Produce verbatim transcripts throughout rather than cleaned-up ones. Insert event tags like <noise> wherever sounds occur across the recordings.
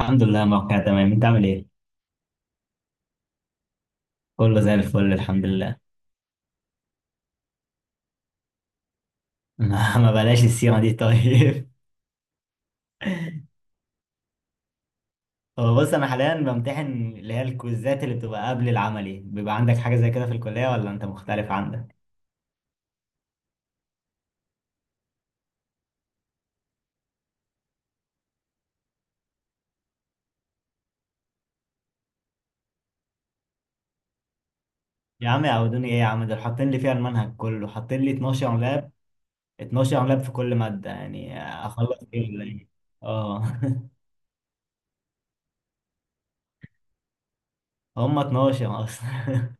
الحمد لله، موقع تمام. انت عامل ايه؟ كله زي الفل الحمد لله. <laughs> ما ما بلاش السيرة دي طيب. <laughs> هو بص، انا حاليا بمتحن اللي هي الكويزات اللي بتبقى قبل العملي. بيبقى عندك حاجة زي كده في الكلية ولا انت مختلف عندك؟ يا عم يعودوني ايه يا عم، دول حاطين لي فيها المنهج كله، حاطين لي اتناشر لاب. اتناشر لاب في كل مادة، يعني اخلص ايه ولا ايه؟ اه. <laughs> هم اتناشر اصلا.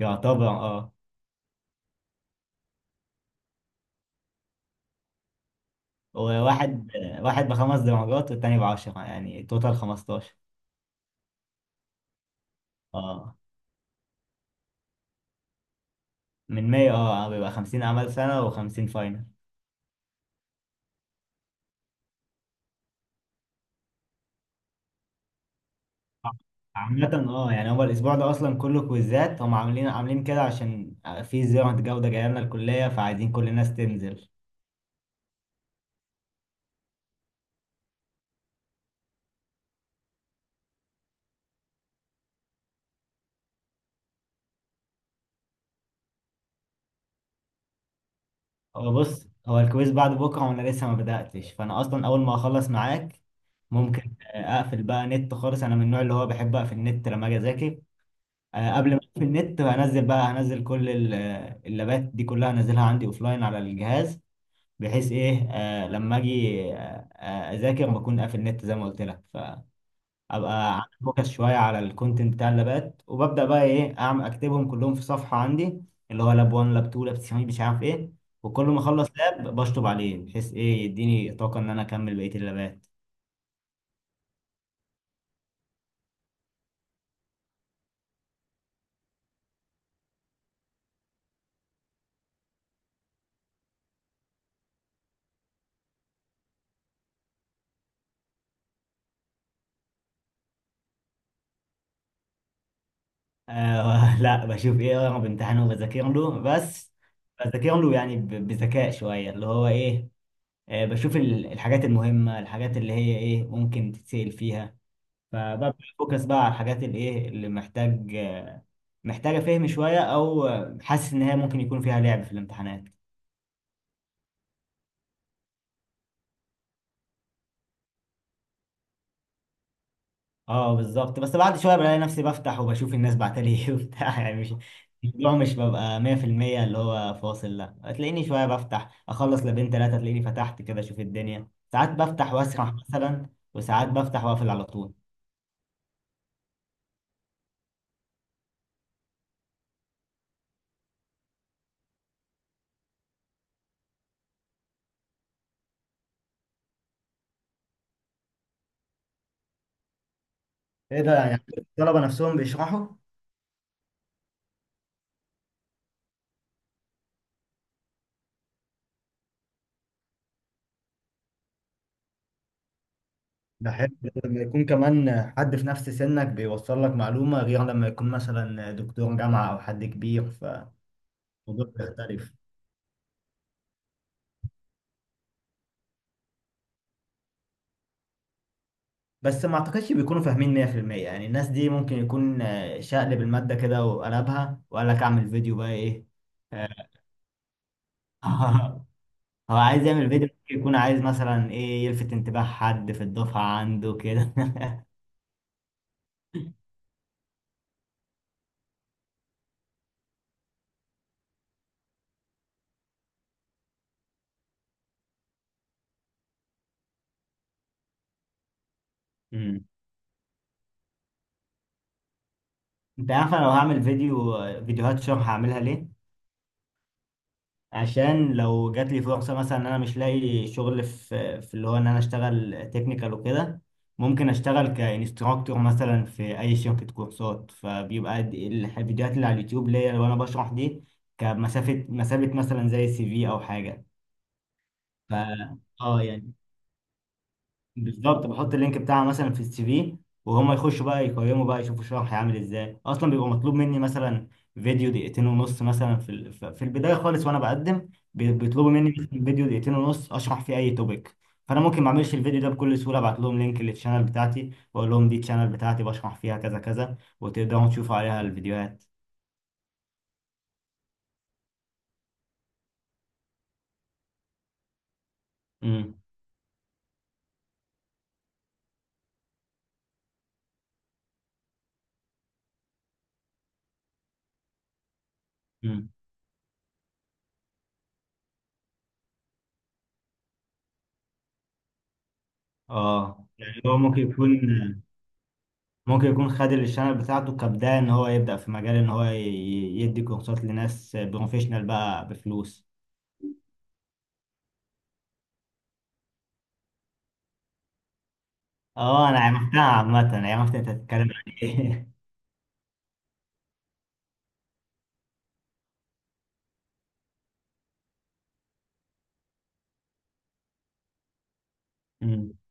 <laughs> يعتبر اه. وواحد واحد بخمس درجات والتاني بعشرة، يعني توتال خمستاشر. اه من ماي اه آه، بيبقى خمسين اعمال سنه و50 فاينل. عامة اه يعني هو الأسبوع ده أصلا كله كويزات، هم عاملين عاملين كده عشان في زيارة جودة جاية لنا الكلية، فعايزين كل الناس تنزل. هو بص، هو الكويز بعد بكرة وأنا لسه ما بدأتش، فأنا أصلا أول ما أخلص معاك ممكن آه، أقفل بقى نت خالص. أنا من النوع اللي هو بحب أقفل النت لما أجي أذاكر. آه، قبل ما أقفل النت هنزل بقى، هنزل كل ال- آه، اللابات دي كلها، هنزلها عندي أوفلاين على الجهاز، بحيث ايه آه لما اجي آه آه، اذاكر بكون قافل النت زي ما قلت لك. فابقى عامل فوكس شويه على الكونتنت بتاع اللابات، وببدا بقى ايه اعمل اكتبهم كلهم في صفحه عندي، اللي هو لاب واحد، لاب اتنين، لاب تلاته مش عارف ايه. وكل ما اخلص لاب بشطب عليه، بحيث ايه يديني طاقه ان انا اكمل بقيه اللابات. آه <laughs> لا، بشوف ايه اقرب امتحان وبذاكر له بس. بذاكر له يعني ب- بذكاء شويه، اللي هو ايه، آه بشوف ال- الحاجات المهمه، الحاجات اللي هي ايه ممكن تتسال فيها. فببدأ فوكس بقى على الحاجات الايه اللي محتاج، محتاجة فهم شوية او حاسس ان هي ممكن يكون فيها لعب في الامتحانات. اه بالظبط. بس بعد شوية بلاقي نفسي بفتح وبشوف الناس بعتلي ايه. <laughs> وبتاع يعني مش، الموضوع مش ببقى مية في المية اللي هو فاصل، لا. تلاقيني شوية بفتح اخلص لابين تلاتة، تلاقيني فتحت كده اشوف الدنيا. ساعات بفتح واسرح مثلا، وساعات بفتح واقفل على طول. ايه ده، يعني الطلبة نفسهم بيشرحوا؟ بحب لما يكون كمان حد في نفس سنك بيوصل لك معلومة، غير لما يكون مثلا دكتور جامعة أو حد كبير، فالموضوع بيختلف. بس ما أعتقدش بيكونوا فاهمين مية في المية. يعني الناس دي ممكن يكون آه، شقلب المادة كده وقلبها وقال لك أعمل فيديو بقى إيه. آه، <laughs> هو عايز يعمل فيديو، ممكن يكون عايز مثلا إيه يلفت انتباه حد في الدفعة عنده كده. <laughs> مم. أنت عارف، أنا لو هعمل فيديو، فيديوهات شرح هعملها ليه؟ عشان لو جات لي فرصة مثلا ان انا مش لاقي شغل في في اللي هو ان انا اشتغل تكنيكال وكده، ممكن اشتغل كانستراكتور مثلا في اي شركة كورسات. فبيبقى د- الح- الفيديوهات اللي على اليوتيوب ليا، لو انا بشرح دي كمسافة مسافة مثلا زي سي في او حاجة. ف اه يعني بالظبط بحط اللينك بتاعها مثلا في السي في، وهم يخشوا بقى يقيموا بقى يشوفوا شرح هيعمل ازاي اصلا. بيبقى مطلوب مني مثلا فيديو دقيقتين ونص، مثلا في ال- ف- في البدايه خالص وانا بقدم، بي- بيطلبوا مني مثلا فيديو دقيقتين ونص اشرح فيه اي توبيك. فانا ممكن ما اعملش الفيديو ده بكل سهوله، ابعت لهم لينك للشانل بتاعتي واقول لهم دي الشانل بتاعتي بشرح فيها كذا كذا، وتقدروا تشوفوا عليها الفيديوهات. امم. امم. اه يعني هو ممكن يكون، ممكن يكون خد الشانل بتاعته كبداية ان هو يبدأ في مجال ان هو ي- ي- يدي كورسات لناس بروفيشنال بقى بفلوس. اه انا عرفتها، عامة عرفت انت بتتكلم عن ايه. <laughs>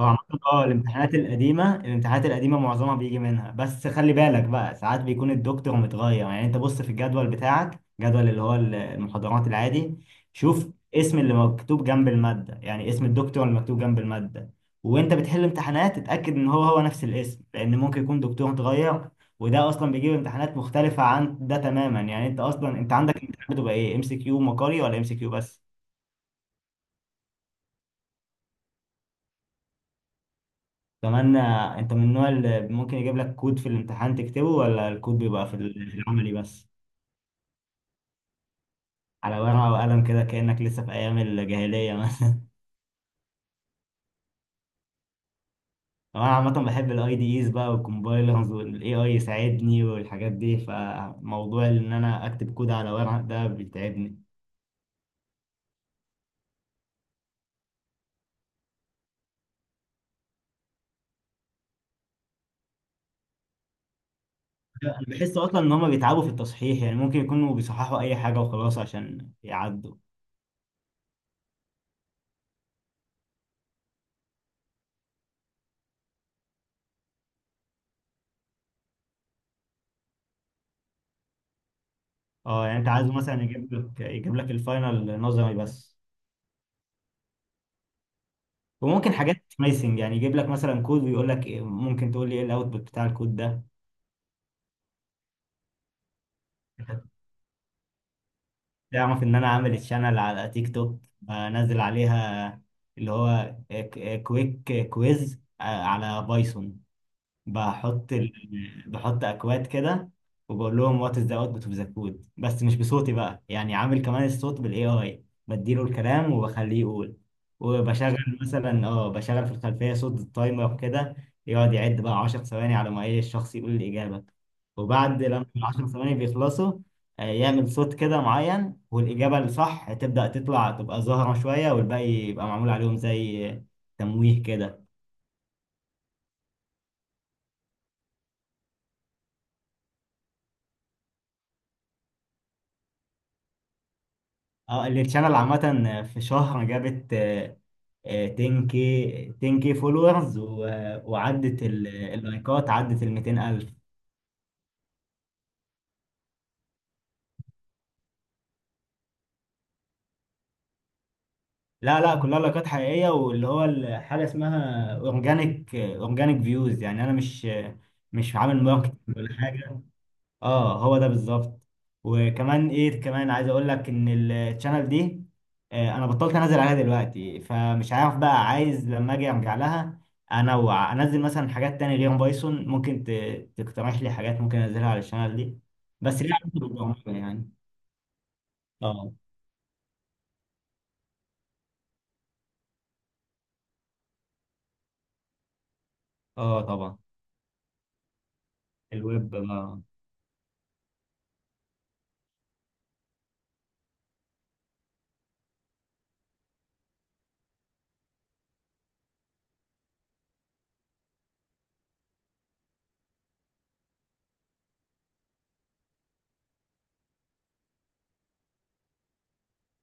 هو عامة اه، الامتحانات القديمة، الامتحانات القديمة معظمها بيجي منها، بس خلي بالك بقى ساعات بيكون الدكتور متغير. يعني انت بص في الجدول بتاعك، جدول اللي هو المحاضرات العادي، شوف اسم اللي مكتوب جنب المادة، يعني اسم الدكتور اللي مكتوب جنب المادة، وانت بتحل امتحانات اتأكد ان هو هو نفس الاسم، لان ممكن يكون دكتور اتغير وده اصلا بيجيب امتحانات مختلفة عن ده تماما. يعني انت اصلا، انت عندك امتحانات بتبقى ايه، ام سي كيو مقالي ولا ام سي كيو بس؟ كمان آه، انت من النوع اللي ممكن يجيب لك كود في الامتحان تكتبه، ولا الكود بيبقى في ال- في العملي بس؟ على ورقة وقلم كده، كأنك لسه في ايام الجاهلية مثلا. <laughs> انا عامة بحب الاي دي ايز بقى والكومبايلرز والاي اي يساعدني والحاجات دي، فموضوع ان انا اكتب كود على ورق ده بيتعبني. انا بحس اصلا ان هما بيتعبوا في التصحيح، يعني ممكن يكونوا بيصححوا اي حاجة وخلاص عشان يعدوا. اه يعني انت عايزه مثلا يجيب لك، يجيب لك الفاينل نظري بس. وممكن حاجات سمايسنج، يعني يجيب لك مثلا كود ويقول لك إيه- ممكن تقول لي ايه الاوتبوت بتاع الكود ده. تعرف ان انا عامل الشانل على تيك توك بنزل عليها اللي هو كويك كويز على بايثون. بحط ال... بحط اكواد كده، وبقول لهم وات از ذا اوتبوت اوف ذا كود، بس مش بصوتي بقى يعني عامل كمان الصوت بالاي اي بديله الكلام وبخليه يقول. وبشغل مثلا اه بشغل في الخلفيه صوت التايمر كده، يقعد يعد بقى عشر ثواني على ما ايه الشخص يقول الاجابه. وبعد لما ال عشر ثواني بيخلصوا آه، يعمل صوت كده معين، والاجابه الصح تبدا تطلع، تبقى ظاهره شويه والباقي يبقى معمول عليهم زي تمويه كده. اه التشانل عامة في شهر جابت آه، آه، عشرة كيه، عشرة كيه فولورز، وعدت ال- اللايكات عدت ال ميتين الف. لا لا، كلها لايكات حقيقية، واللي هو ال- حاجة اسمها اورجانيك، اورجانيك فيوز، يعني انا مش، مش عامل ماركتنج ولا حاجة. اه هو ده بالظبط. وكمان ايه كمان عايز اقول لك ان الشانل دي آه، انا بطلت انزل عليها دلوقتي، فمش عارف بقى، عايز لما اجي ارجع لها انوع انزل مثلا حاجات تانية غير بايثون. ممكن ت- تقترح لي حاجات ممكن انزلها على الشانل دي بس ليه علاقة بالبرمجة يعني؟ اه. اه طبعا. الويب بقى.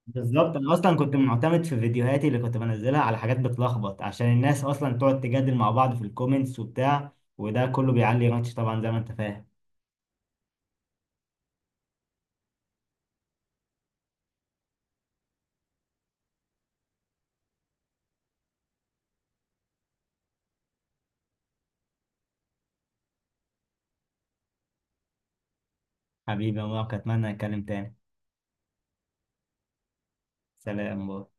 بالظبط، انا اصلا كنت معتمد في فيديوهاتي اللي كنت بنزلها على حاجات بتلخبط، عشان الناس اصلا تقعد تجادل مع بعض في الكومنتس وبتاع، وده كله بيعلي رانش طبعا زي ما انت فاهم. حبيبي يا مارك، أتمنى نتكلم تاني. سلام، باي.